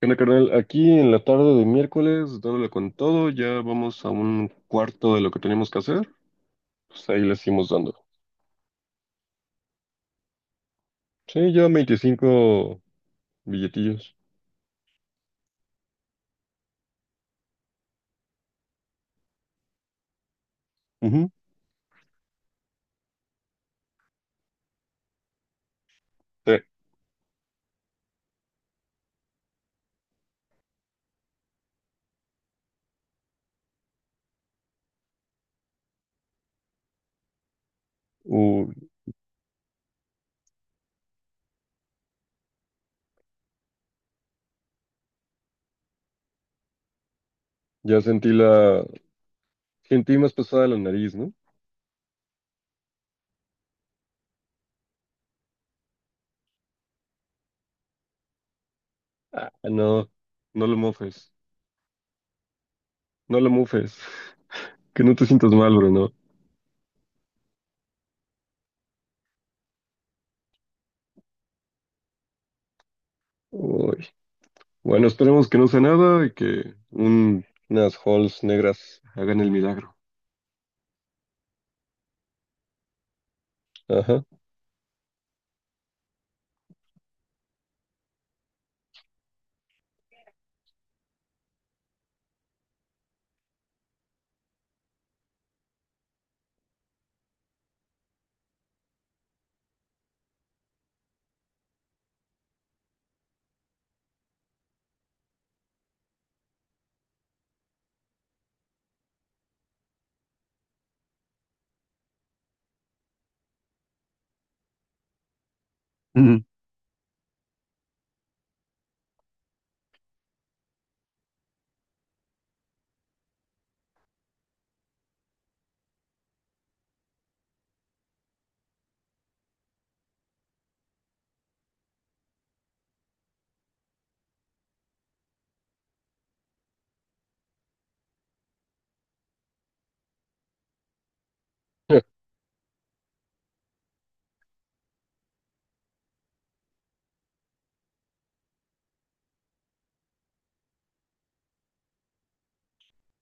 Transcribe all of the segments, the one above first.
Bueno, carnal, aquí en la tarde de miércoles, dándole con todo, ya vamos a un cuarto de lo que teníamos que hacer, pues ahí le seguimos dando. Sí, ya 25 billetillos. Ujú. Sí. Uh, ya sentí la... Sentí más pesada la nariz, ¿no? Ah, no, no lo mofes, no lo mufes, que no te sientas mal, bro, no. Uy. Bueno, esperemos que no sea nada y que unas halls negras hagan el milagro. Ajá. Ujú.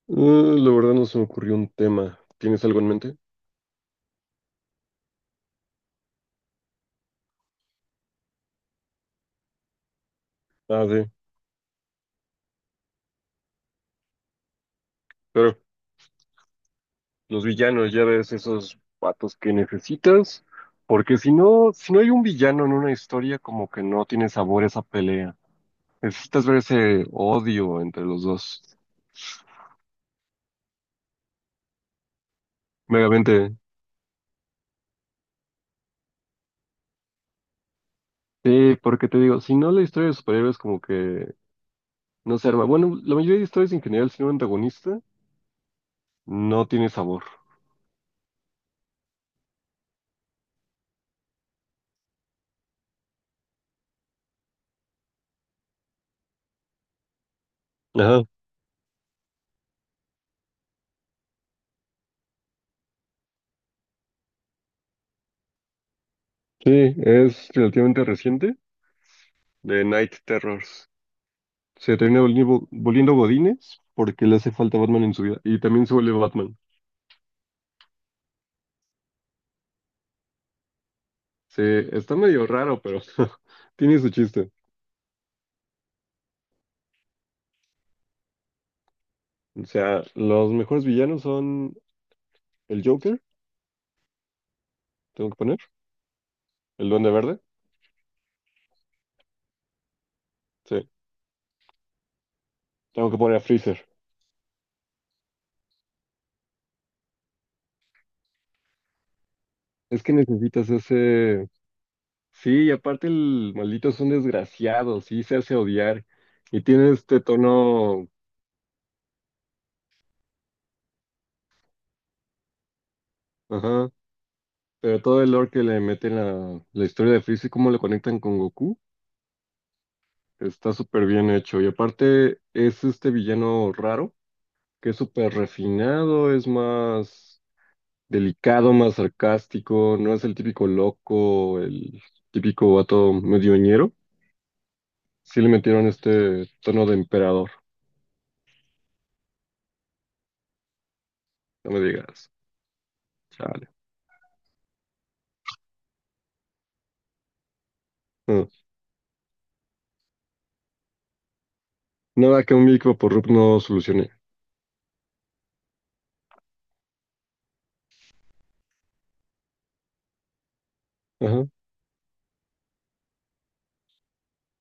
La verdad no se me ocurrió un tema. ¿Tienes algo en mente? Ah, sí. Pero los villanos, ya ves, esos patos que necesitas. Porque si no, si no hay un villano en una historia, como que no tiene sabor esa pelea. Necesitas ver ese odio entre los dos. Megamente. Sí, porque te digo, si no la historia de superhéroes como que no se arma. Bueno, la mayoría de historias en general, si no hay antagonista, no tiene sabor. Ajá. Sí, es relativamente reciente. De Night Terrors. Se termina volviendo Godínez porque le hace falta Batman en su vida. Y también se vuelve Batman. Se, está medio raro, pero tiene su chiste. O sea, los mejores villanos son el Joker, tengo que poner, el Duende Verde, sí, tengo que poner a Freezer. Es que necesitas ese... Sí, y aparte el maldito son desgraciados, sí, se hace odiar. Y tiene este tono... Ajá. Pero todo el lore que le meten a la historia de Freezer, cómo lo conectan con Goku. Está súper bien hecho. Y aparte es este villano raro, que es súper refinado, es más delicado, más sarcástico, no es el típico loco, el típico vato medioñero. Sí le metieron este tono de emperador, no me digas. Chale. Ah, nada que un micro por Rup no solucione. Ajá.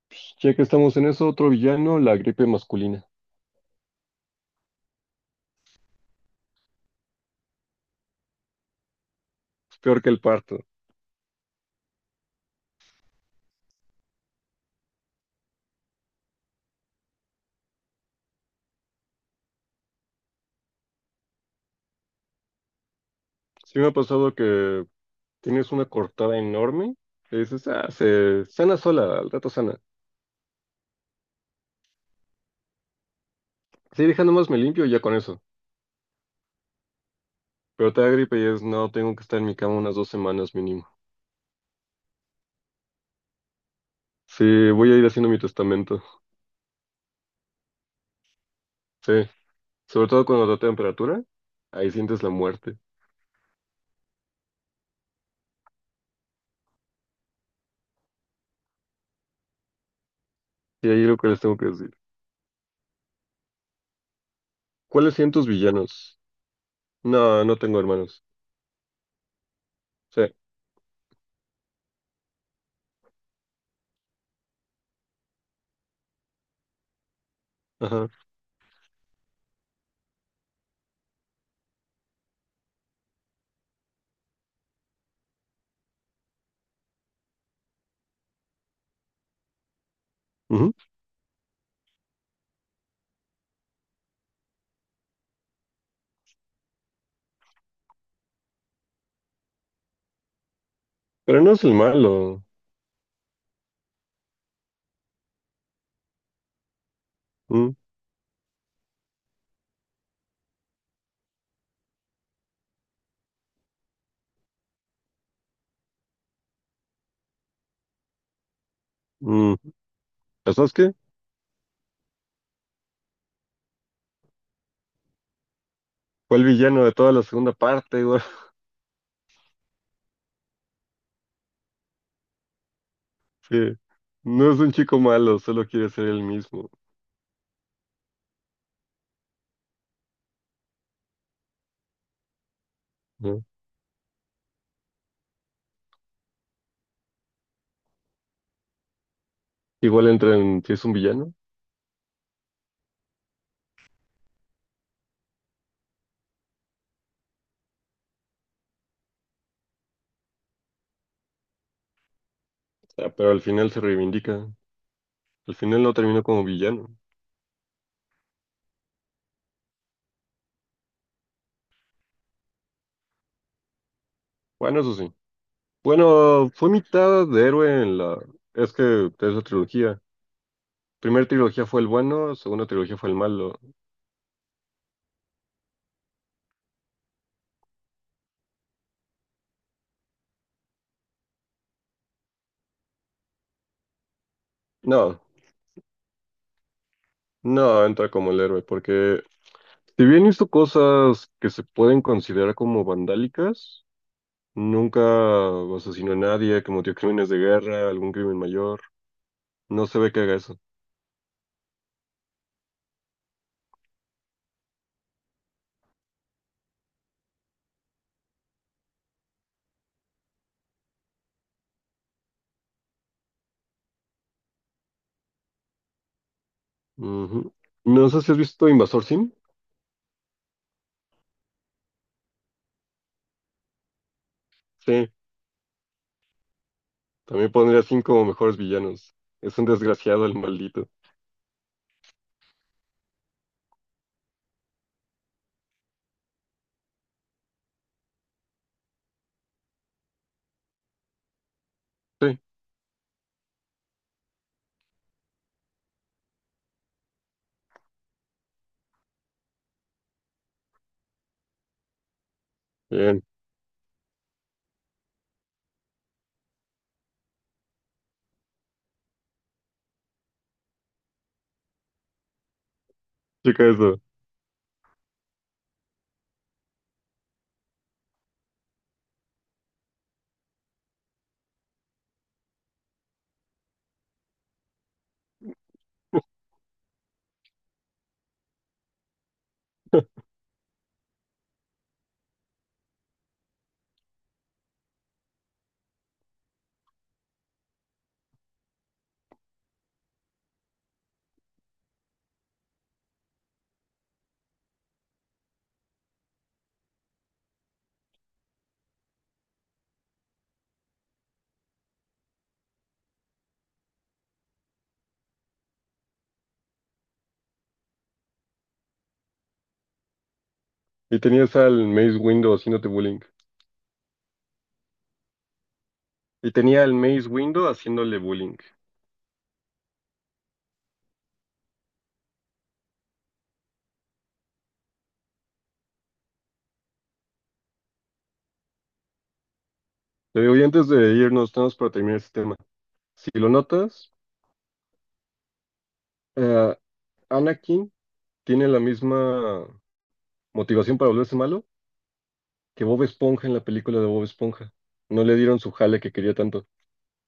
Pues, ya que estamos en eso, otro villano, la gripe masculina. Es peor que el parto. Sí me ha pasado que tienes una cortada enorme. Y dices, ah, se sana sola, al rato sana. Sí, deja nomás me limpio y ya con eso. Pero te da gripe y es, no, tengo que estar en mi cama unas 2 semanas mínimo. Sí, voy a ir haciendo mi testamento. Sí, sobre todo cuando da temperatura, ahí sientes la muerte. Y ahí es lo que les tengo que decir. ¿Cuáles son tus villanos? No, no tengo hermanos. Sí, ajá. Ujú. Pero no es el malo. Mm, mm. ¿Sabes qué? Fue el villano de toda la segunda parte, güey. Sí, no es un chico malo, solo quiere ser él mismo, ¿no? Igual entra en si es un villano, o sea, pero al final se reivindica. Al final no terminó como villano. Bueno, eso sí. Bueno, fue mitad de héroe en la... Es que es la trilogía. Primera trilogía fue el bueno, segunda trilogía fue el malo. No, no entra como el héroe, porque si bien hizo cosas que se pueden considerar como vandálicas, nunca asesinó a nadie, cometió crímenes de guerra, algún crimen mayor, no se ve que haga eso. Ujú. No sé si has visto Invasor Sim. Sí, también pondría a Sim como mejores villanos. Es un desgraciado el maldito. Sí, bien, chica eso. Y tenías al Maze Window haciéndote bullying. Y tenía al Maze Window haciéndole bullying. Te digo, y antes de irnos, tenemos para terminar este tema. Si lo notas, eh, Anakin tiene la misma motivación para volverse malo que Bob Esponja en la película de Bob Esponja. No le dieron su jale que quería tanto,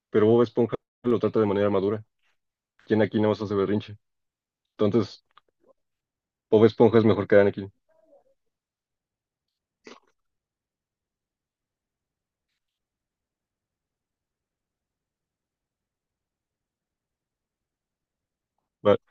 pero Bob Esponja lo trata de manera madura. Y Anakin nada más hace berrinche. Entonces, Bob Esponja es mejor que Anakin. Va.